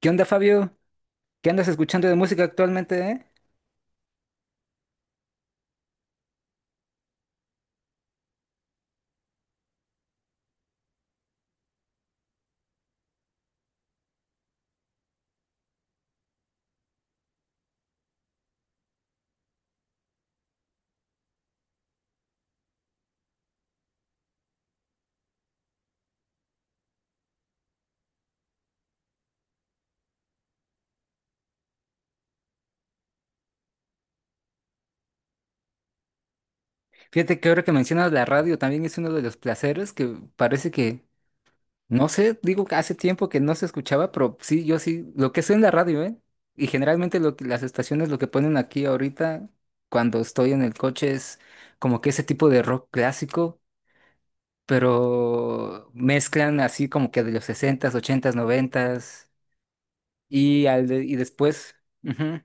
¿Qué onda, Fabio? ¿Qué andas escuchando de música actualmente, eh? Fíjate que ahora que mencionas la radio también es uno de los placeres que parece que, no sé, digo que hace tiempo que no se escuchaba, pero sí, yo sí, lo que sé en la radio, ¿eh? Y generalmente las estaciones lo que ponen aquí ahorita cuando estoy en el coche es como que ese tipo de rock clásico, pero mezclan así como que de los sesentas, ochentas, noventas y, y después. Ujú.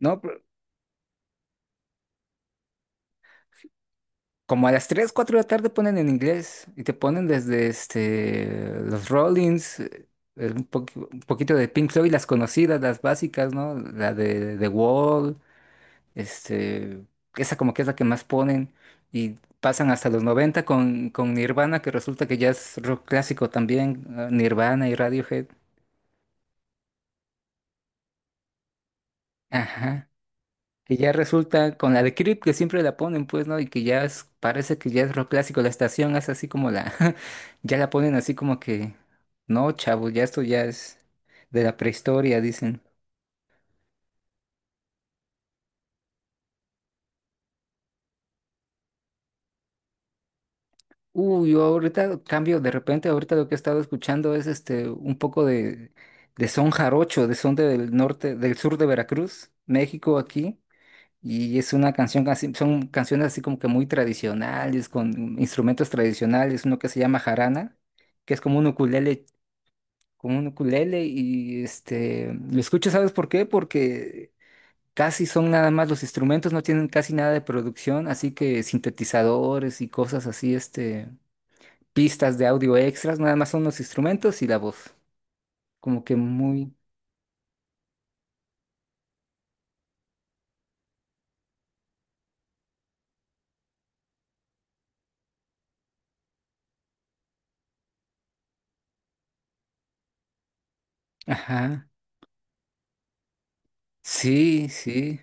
No, como a las 3 4 de la tarde ponen en inglés y te ponen desde este, los Rollins, un poquito de Pink Floyd, las conocidas, las básicas, ¿no? La de The Wall, este, esa como que es la que más ponen y pasan hasta los 90 con Nirvana, que resulta que ya es rock clásico también, Nirvana y Radiohead. Ajá. Que ya resulta con la de Creep que siempre la ponen, pues, ¿no? Y que ya parece que ya es rock clásico. La estación hace así como la. Ya la ponen así como que. No, chavo, ya esto ya es de la prehistoria, dicen. Uy, yo ahorita cambio, de repente, ahorita lo que he estado escuchando es este un poco de son jarocho, de son del norte, del sur de Veracruz, México aquí. Y es una canción, son canciones así como que muy tradicionales, con instrumentos tradicionales, uno que se llama jarana, que es como un ukulele, y este, lo escucho, ¿sabes por qué? Porque casi son nada más los instrumentos, no tienen casi nada de producción, así que sintetizadores y cosas así, este, pistas de audio extras, nada más son los instrumentos y la voz, como que muy, ajá, sí, sí.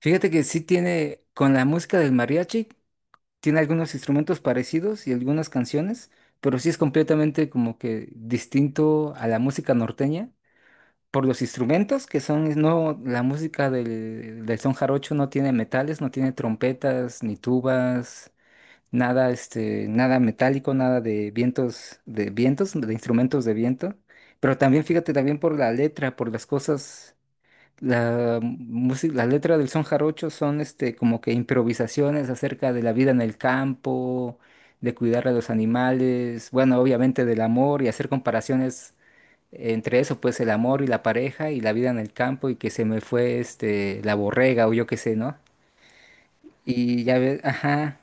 Fíjate que sí tiene, con la música del mariachi, tiene algunos instrumentos parecidos y algunas canciones, pero sí es completamente como que distinto a la música norteña por los instrumentos que son, no, la música del, del son jarocho no tiene metales, no tiene trompetas ni tubas, nada, este, nada metálico, nada de vientos, de instrumentos de viento. Pero también fíjate también por la letra, por las cosas la música, las letras del son jarocho son este como que improvisaciones acerca de la vida en el campo, de cuidar a los animales, bueno, obviamente del amor y hacer comparaciones entre eso, pues el amor y la pareja y la vida en el campo y que se me fue este la borrega o yo qué sé, ¿no? Y ya ves, ajá.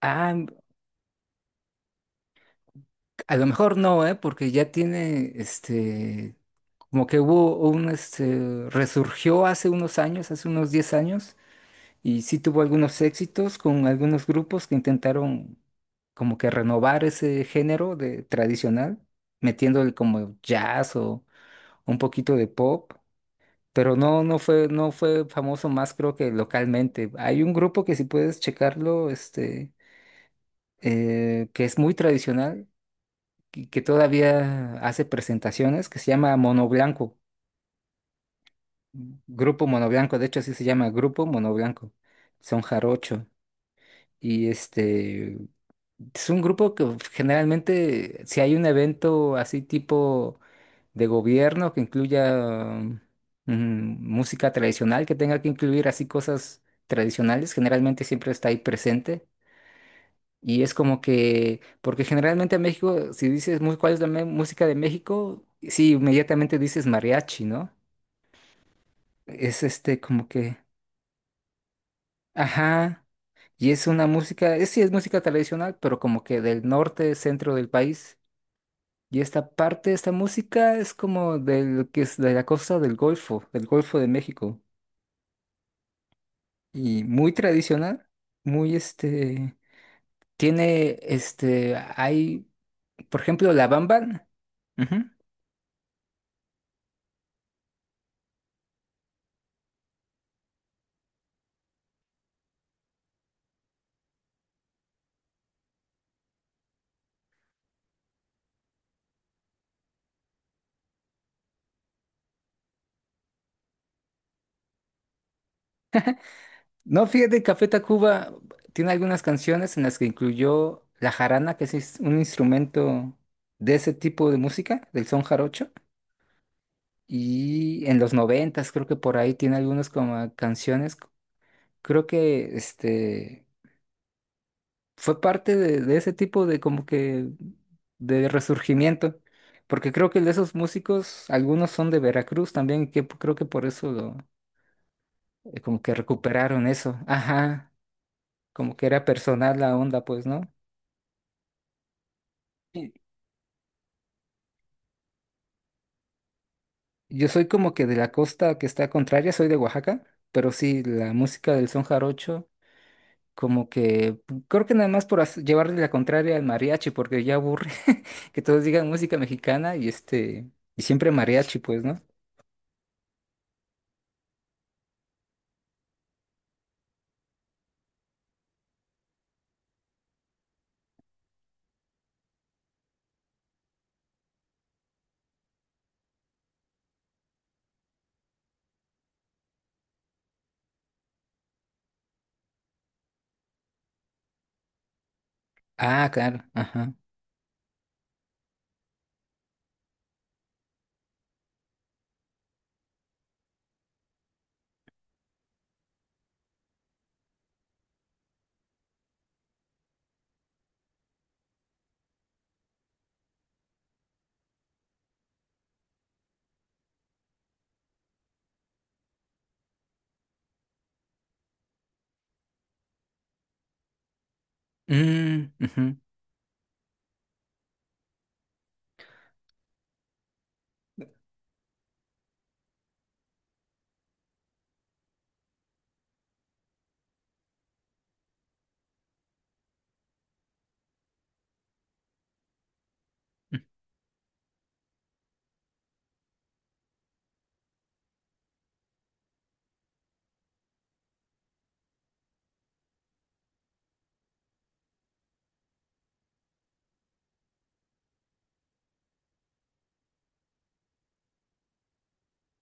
Ah, a lo mejor no, ¿eh? Porque ya tiene este como que hubo un este resurgió hace unos años, hace unos 10 años. Y sí tuvo algunos éxitos con algunos grupos que intentaron como que renovar ese género de tradicional, metiéndole como jazz o un poquito de pop, pero no, no fue famoso más creo que localmente. Hay un grupo que si puedes checarlo, este, que es muy tradicional y que todavía hace presentaciones, que se llama Mono Blanco, Grupo Mono Blanco, de hecho así se llama Grupo Mono Blanco, son jarocho. Y este es un grupo que generalmente, si hay un evento así tipo de gobierno que incluya música tradicional, que tenga que incluir así cosas tradicionales, generalmente siempre está ahí presente. Y es como que, porque generalmente en México, si dices cuál es la música de México", sí, inmediatamente dices mariachi, ¿no? Es este como que, ajá, y es una música, es, sí es música tradicional, pero como que del norte, centro del país. Y esta parte, esta música es como de lo que es de la costa del Golfo de México. Y muy tradicional, muy este, tiene este, hay, por ejemplo, La Bamba. Ujú. No, fíjate, Café Tacuba tiene algunas canciones en las que incluyó la jarana, que es un instrumento de ese tipo de música, del son jarocho. Y en los noventas creo que por ahí tiene algunas como canciones. Creo que este fue parte de ese tipo de como que de resurgimiento, porque creo que de esos músicos, algunos son de Veracruz también, creo que por eso lo, como que recuperaron eso, ajá, como que era personal la onda, pues, ¿no? Y yo soy como que de la costa que está contraria, soy de Oaxaca, pero sí, la música del son jarocho, como que creo que nada más por llevarle la contraria al mariachi, porque ya aburre que todos digan música mexicana y este, y siempre mariachi, pues, ¿no? Ah, claro, ajá. Mm, ujú, mm.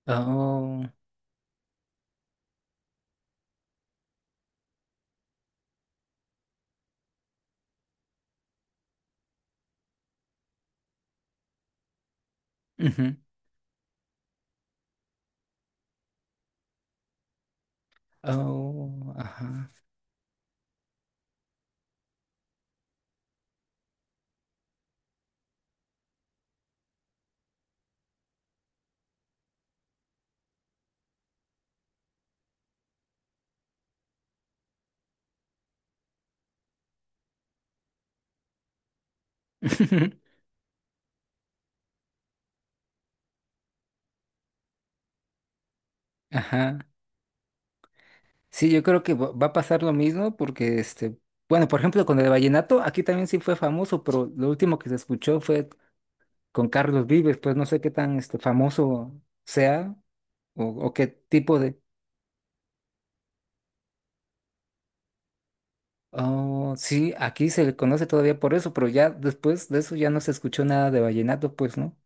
Oh, ujú, oh, ajá. Ajá. Sí, yo creo que va a pasar lo mismo porque, este, bueno, por ejemplo, con el vallenato, aquí también sí fue famoso, pero lo último que se escuchó fue con Carlos Vives, pues no sé qué tan, este, famoso sea o, qué tipo de. Oh, sí, aquí se le conoce todavía por eso, pero ya después de eso ya no se escuchó nada de vallenato, pues, ¿no?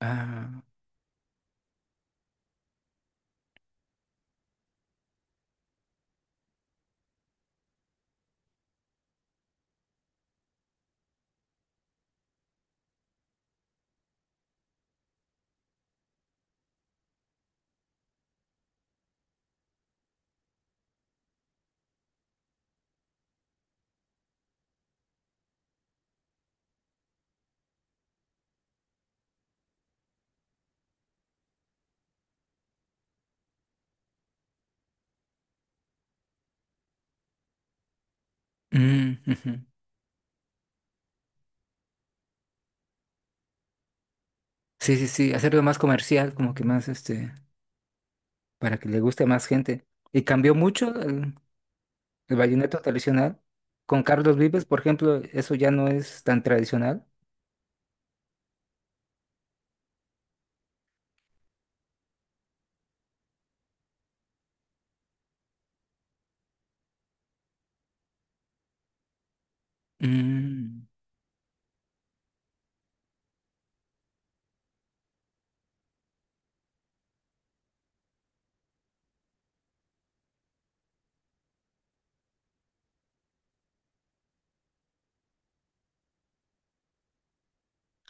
Ah, mm, ujú. Sí, sí, sí, hacerlo más comercial, como que más, este, para que le guste a más gente. Y cambió mucho el vallenato tradicional. Con Carlos Vives, por ejemplo, eso ya no es tan tradicional. Mm,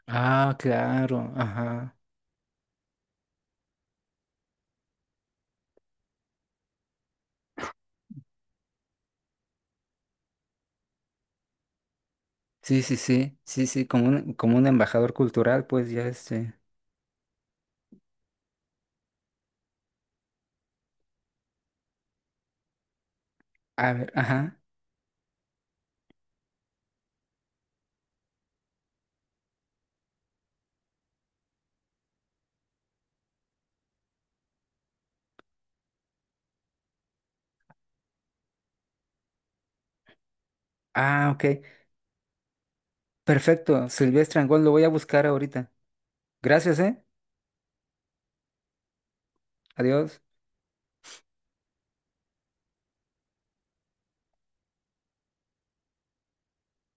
ah, claro, ajá. Sí, sí, sí, sí, sí, como un embajador cultural, pues ya este. A ver, ajá. Ah, ok. Perfecto, Silvestre Angón, lo voy a buscar ahorita. Gracias, ¿eh? Adiós.